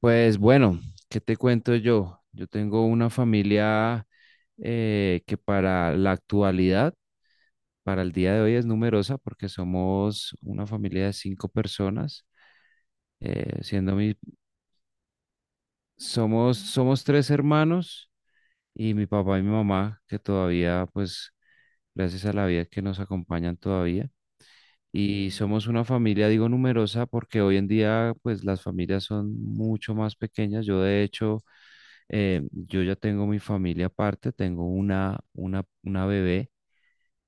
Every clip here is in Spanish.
Pues bueno, ¿qué te cuento yo? Yo tengo una familia que para la actualidad, para el día de hoy es numerosa porque somos una familia de cinco personas, eh, siendo mi, somos tres hermanos y mi papá y mi mamá que todavía, pues gracias a la vida que nos acompañan todavía. Y somos una familia, digo numerosa, porque hoy en día, pues las familias son mucho más pequeñas. Yo ya tengo mi familia aparte, tengo una bebé,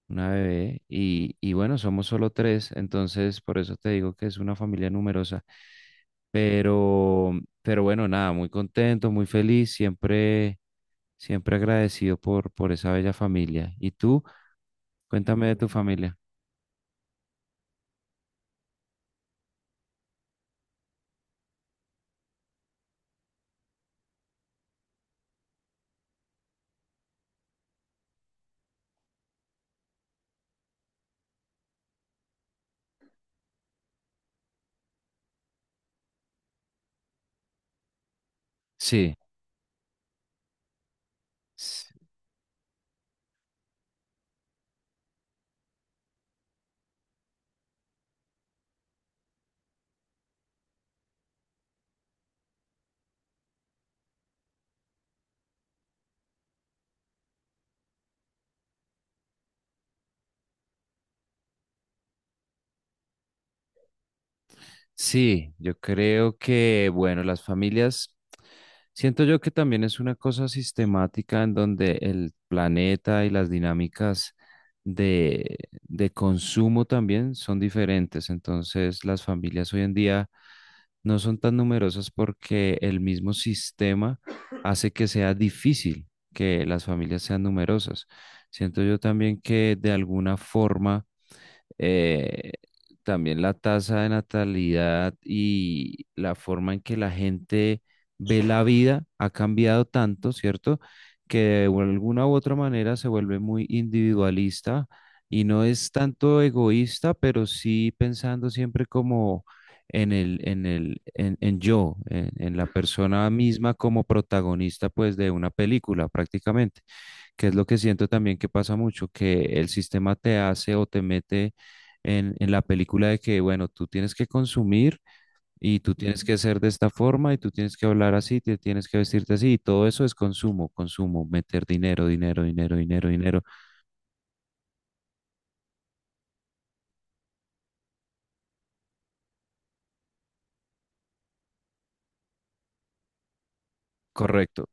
y bueno, somos solo tres, entonces por eso te digo que es una familia numerosa. Pero, pero bueno, nada, muy contento, muy feliz, siempre agradecido por esa bella familia. ¿Y tú? Cuéntame de tu familia. Sí, s- sí, yo creo que, bueno, las familias. Siento yo que también es una cosa sistemática en donde el planeta y las dinámicas de, de consumo también son diferentes. Entonces, las familias hoy en día no son tan numerosas porque el mismo sistema hace que sea difícil que las familias sean numerosas. Siento yo también que de alguna forma eh, también la tasa de natalidad y la forma en que la gente ve la vida ha cambiado tanto, ¿cierto? Que de alguna u otra manera se vuelve muy individualista y no es tanto egoísta, pero sí pensando siempre como en yo, en la persona misma como protagonista, pues, de una película prácticamente que es lo que siento también que pasa mucho, que el sistema te hace o te mete en la película de que, bueno, tú tienes que consumir y tú tienes que ser de esta forma y tú tienes que hablar así, te tienes que vestirte así y todo eso es consumo, consumo, meter dinero, dinero, dinero, dinero, dinero. Correcto.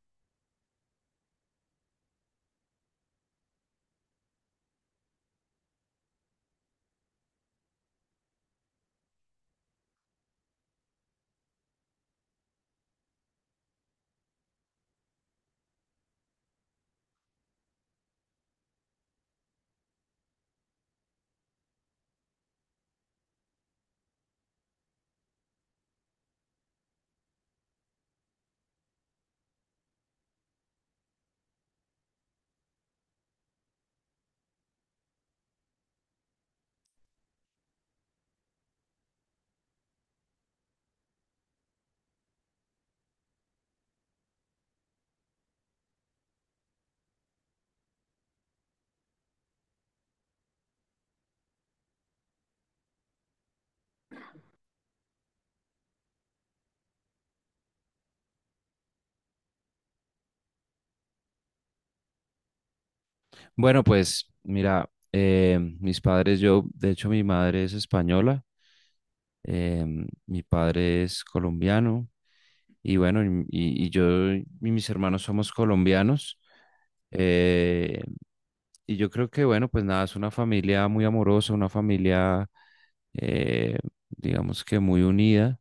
Bueno, pues mira, mis padres, yo, de hecho mi madre es española, mi padre es colombiano. Y bueno, y yo y mis hermanos somos colombianos. eh, y yo creo que, bueno, pues nada, es una familia muy amorosa, una familia, eh, digamos que muy unida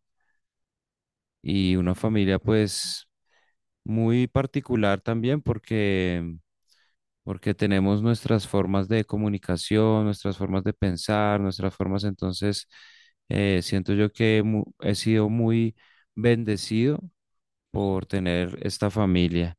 y una familia pues muy particular también porque, porque tenemos nuestras formas de comunicación, nuestras formas de pensar, nuestras formas, entonces siento yo que he sido muy bendecido por tener esta familia.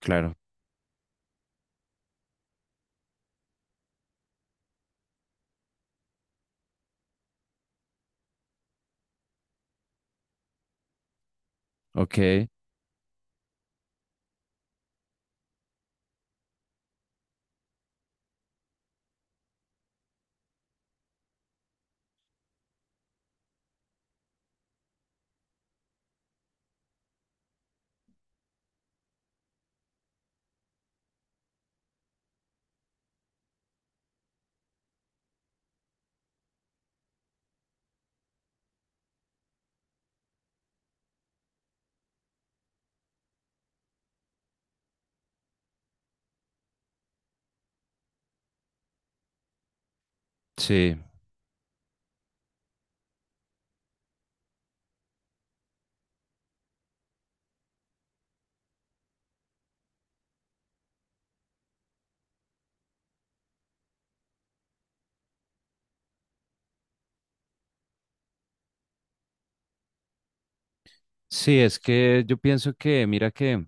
Claro, ok, sí, sí, es que yo pienso que, mira que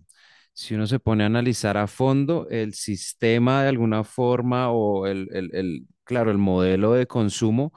si uno se pone a analizar a fondo el sistema de alguna forma o claro, el modelo de consumo,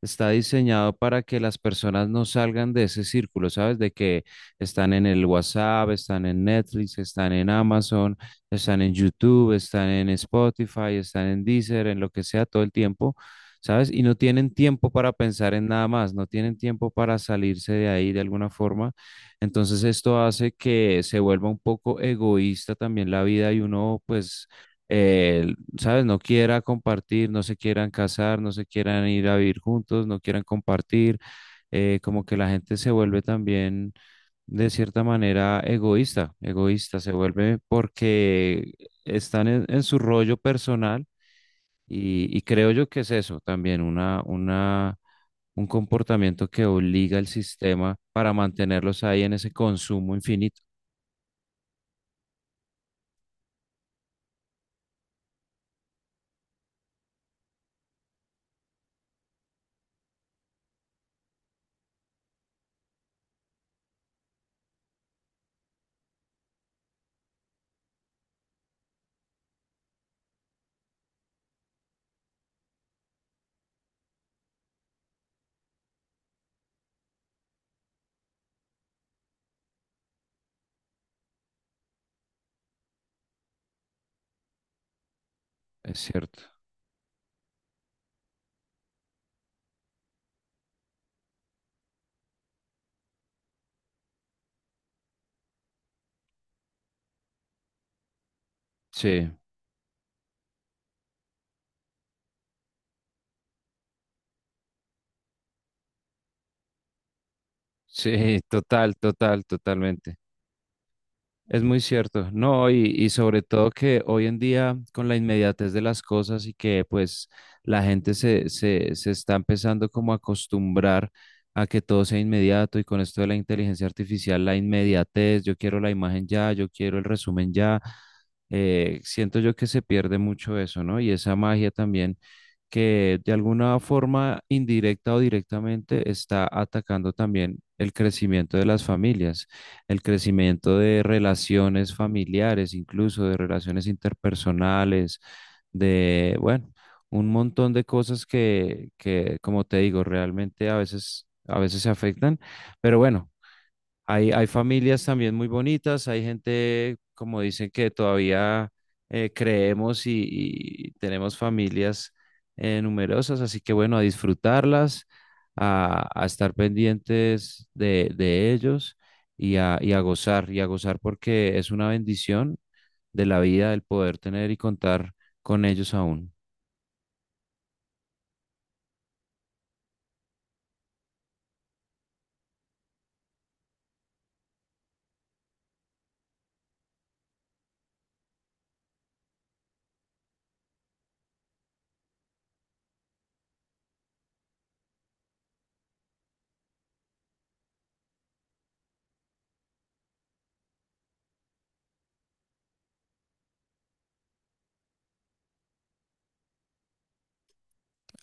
está diseñado para que las personas no salgan de ese círculo, ¿sabes? De que están en el WhatsApp, están en Netflix, están en Amazon, están en YouTube, están en Spotify, están en Deezer, en lo que sea todo el tiempo, ¿sabes? Y no tienen tiempo para pensar en nada más, no tienen tiempo para salirse de ahí de alguna forma. Entonces esto hace que se vuelva un poco egoísta también la vida y uno pues... eh, ¿sabes? No quiera compartir, no se quieran casar, no se quieran ir a vivir juntos, no quieran compartir, como que la gente se vuelve también de cierta manera egoísta, egoísta, se vuelve porque están en su rollo personal y creo yo que es eso también, un comportamiento que obliga al sistema para mantenerlos ahí en ese consumo infinito, es cierto. Sí, sí, total, total, totalmente. Es muy cierto, no, y sobre todo que hoy en día con la inmediatez de las cosas y que pues la gente se está empezando como a acostumbrar a que todo sea inmediato y con esto de la inteligencia artificial, la inmediatez, yo quiero la imagen ya, yo quiero el resumen ya, siento yo que se pierde mucho eso, ¿no? Y esa magia también que de alguna forma indirecta o directamente está atacando también el crecimiento de las familias el crecimiento de relaciones familiares, incluso de relaciones interpersonales, de, bueno, un montón de cosas que, como te digo, realmente a veces se afectan, pero bueno. Hay familias también muy bonitas, hay gente, como dicen, que todavía creemos y tenemos familias numerosas, así que bueno, a disfrutarlas, a estar pendientes de ellos y a gozar porque es una bendición de la vida el poder tener y contar con ellos aún.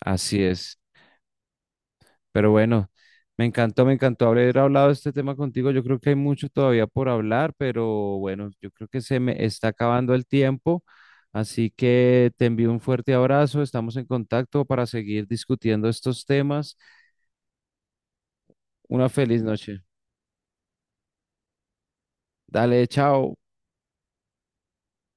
Así es. Pero bueno, me encantó haber hablado de este tema contigo. Yo creo que hay mucho todavía por hablar, pero bueno, yo creo que se me está acabando el tiempo. Así que te envío un fuerte abrazo. Estamos en contacto para seguir discutiendo estos temas. Una feliz noche. Dale, chao.